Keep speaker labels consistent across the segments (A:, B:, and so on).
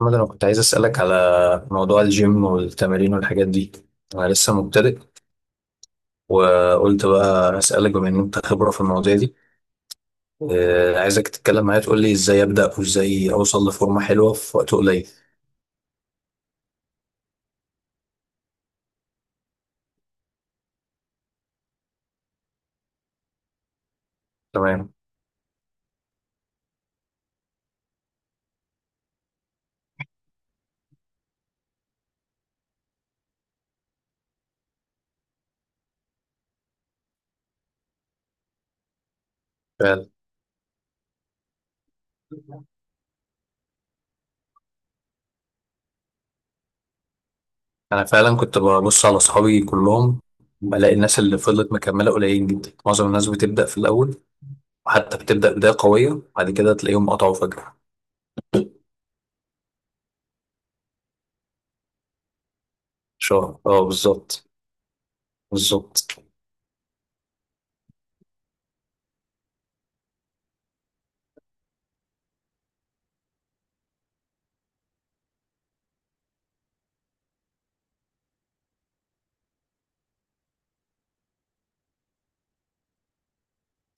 A: محمد، أنا كنت عايز أسألك على موضوع الجيم والتمارين والحاجات دي. أنا لسه مبتدئ وقلت بقى أسألك بما إن أنت خبرة في المواضيع دي. عايزك تتكلم معايا تقول لي إزاي أبدأ وإزاي أوصل لفورمة حلوة في وقت قليل. تمام. فعلا. أنا فعلا كنت ببص على أصحابي كلهم، بلاقي الناس اللي فضلت مكملة قليلين جدا، معظم الناس بتبدأ في الأول وحتى بتبدأ بداية قوية بعد كده تلاقيهم قطعوا فجأة. شهر، أه بالظبط. بالظبط.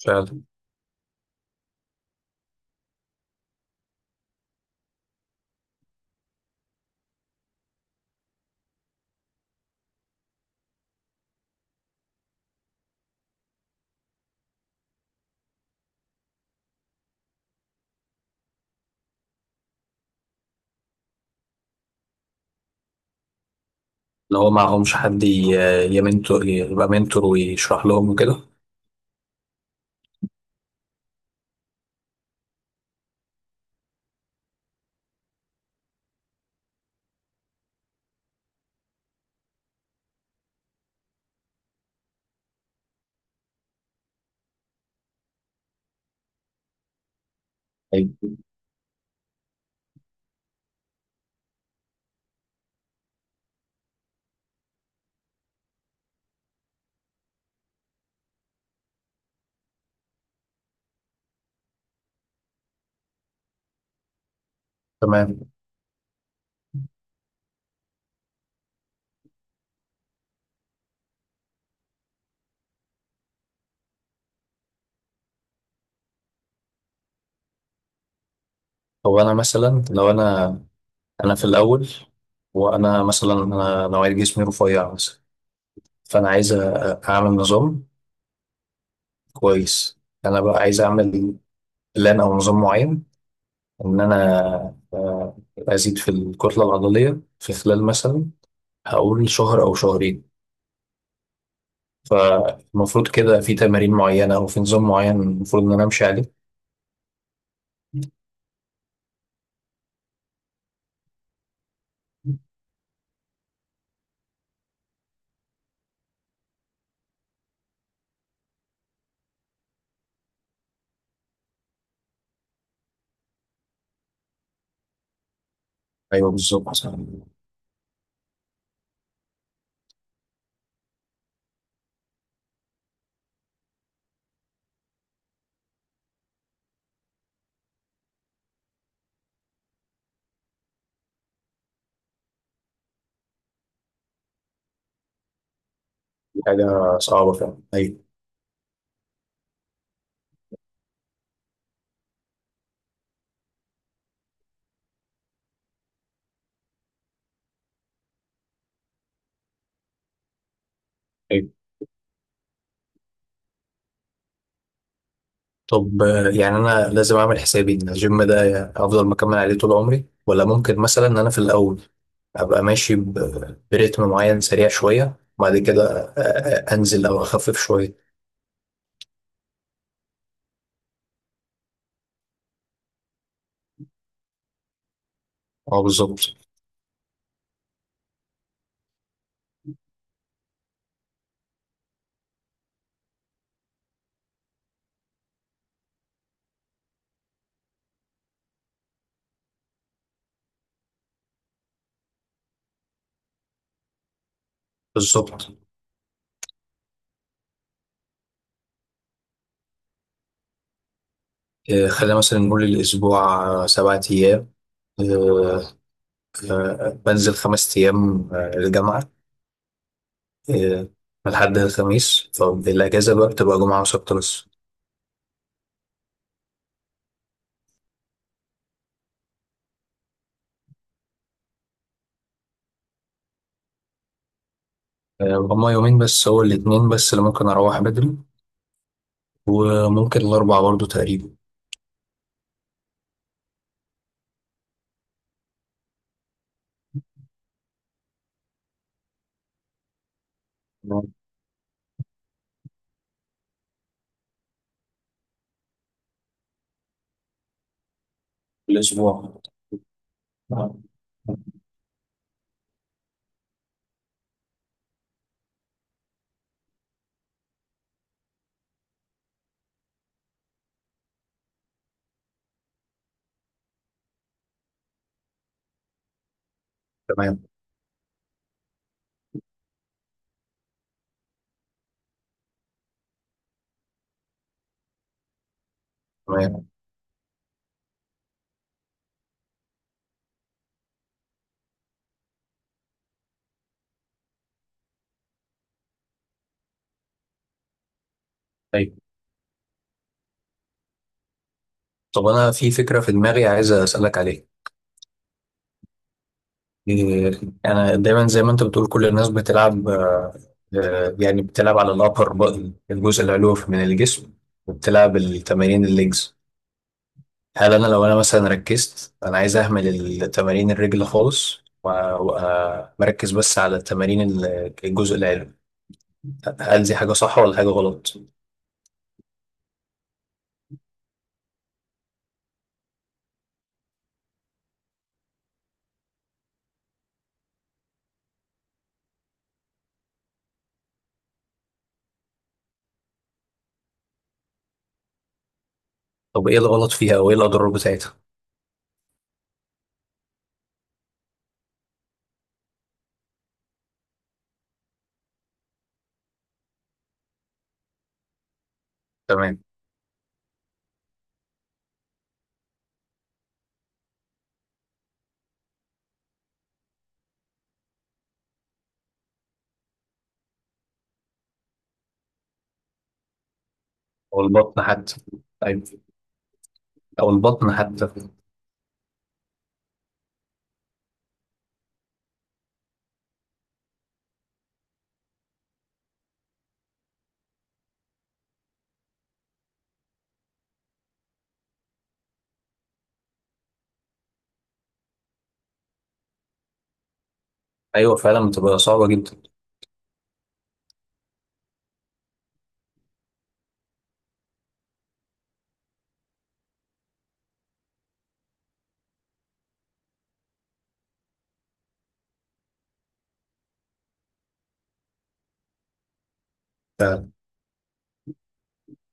A: فعلا. اللي هو معهمش حد يمنتور، يبقى منتور ويشرح لهم وكده. أيوة. تمام. هو أنا مثلا لو أنا، أنا في الأول، وأنا مثلا أنا نوعية جسمي رفيع مثلا، فأنا عايز أعمل نظام. كويس. أنا بقى عايز أعمل بلان أو نظام معين، إن أنا آه، أزيد في الكتلة العضلية في خلال مثلا، هقول شهر أو شهرين. فالمفروض كده في تمارين معينة أو في نظام معين المفروض إن أنا أمشي عليه. أيوه بالظبط. حاجة صعبة فعلا، أيوة. أيوة. طب يعني أنا لازم أعمل حسابي إن الجيم ده أفضل مكمل عليه طول عمري، ولا ممكن مثلا إن أنا في الأول أبقى ماشي برتم معين سريع شوية وبعد كده أنزل أو أخفف شوية؟ أه بالظبط. بالظبط. خلينا مثلا نقول الأسبوع سبعة أيام. آه، بنزل خمس أيام الجامعة، آه، من الحد للخميس، فالأجازة بقى بتبقى جمعة وسبت بس. هما يومين بس، هو الاتنين بس اللي ممكن أروح بدري، وممكن الأربع برضو تقريبا. في الأسبوع. آه. تمام. تمام. طيب. طب أنا في فكرة في دماغي عايز أسألك عليها. أنا دايما زي ما أنت بتقول كل الناس بتلعب، يعني بتلعب على الأبر بطن، الجزء العلوي من الجسم، وبتلعب التمارين الليجز. هل أنا لو أنا مثلا ركزت، أنا عايز أهمل التمارين الرجل خالص ومركز بس على التمارين الجزء العلوي، هل دي حاجة صح ولا حاجة غلط؟ طب إيه الغلط فيها أو إيه الأضرار بتاعتها؟ تمام. أو البطن حتى. طيب. أو البطن حتى. أيوه فعلا بتبقى صعبة جدا.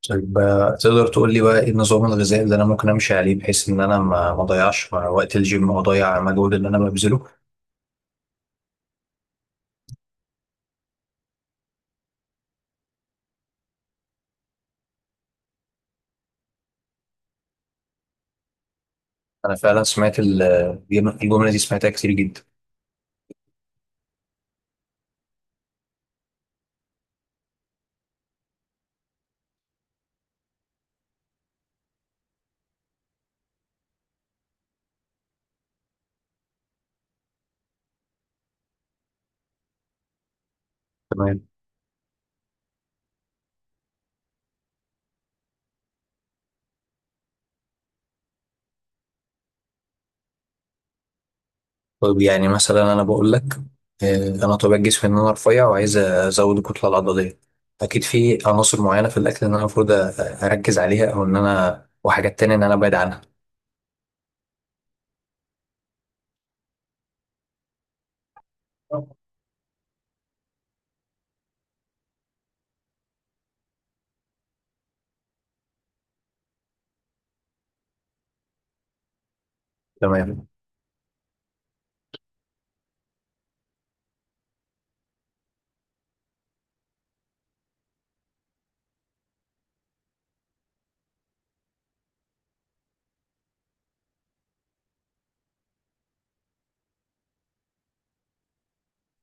A: طيب تقدر تقول لي بقى إيه النظام الغذائي اللي أنا ممكن أمشي عليه، بحيث إن أنا ما أضيعش وقت الجيم وأضيع المجهود اللي أنا ببذله؟ أنا فعلا سمعت الجملة دي، سمعتها كتير جدا. تمام. طيب يعني مثلا انا بقول لك، انا طبيعة جسمي ان انا رفيع وعايز ازود الكتله العضليه. اكيد في عناصر معينه في الاكل ان انا المفروض اركز عليها، او ان انا وحاجات تانية ان انا ابعد عنها. تمام.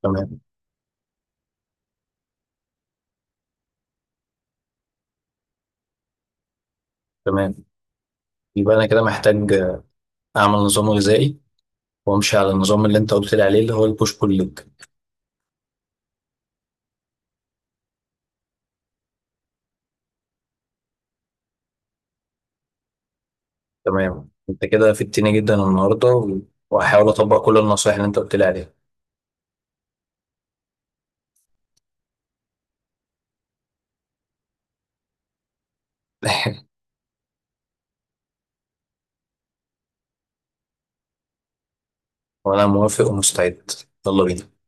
A: تمام. تمام. يبقى انا كده محتاج اعمل نظام غذائي وامشي على النظام اللي انت قلت لي عليه اللي هو البوش بول ليج. تمام، انت كده فدتني جدا النهارده وهحاول اطبق كل النصائح اللي انت قلت لي عليها. وانا موافق ومستعد. يلا بينا.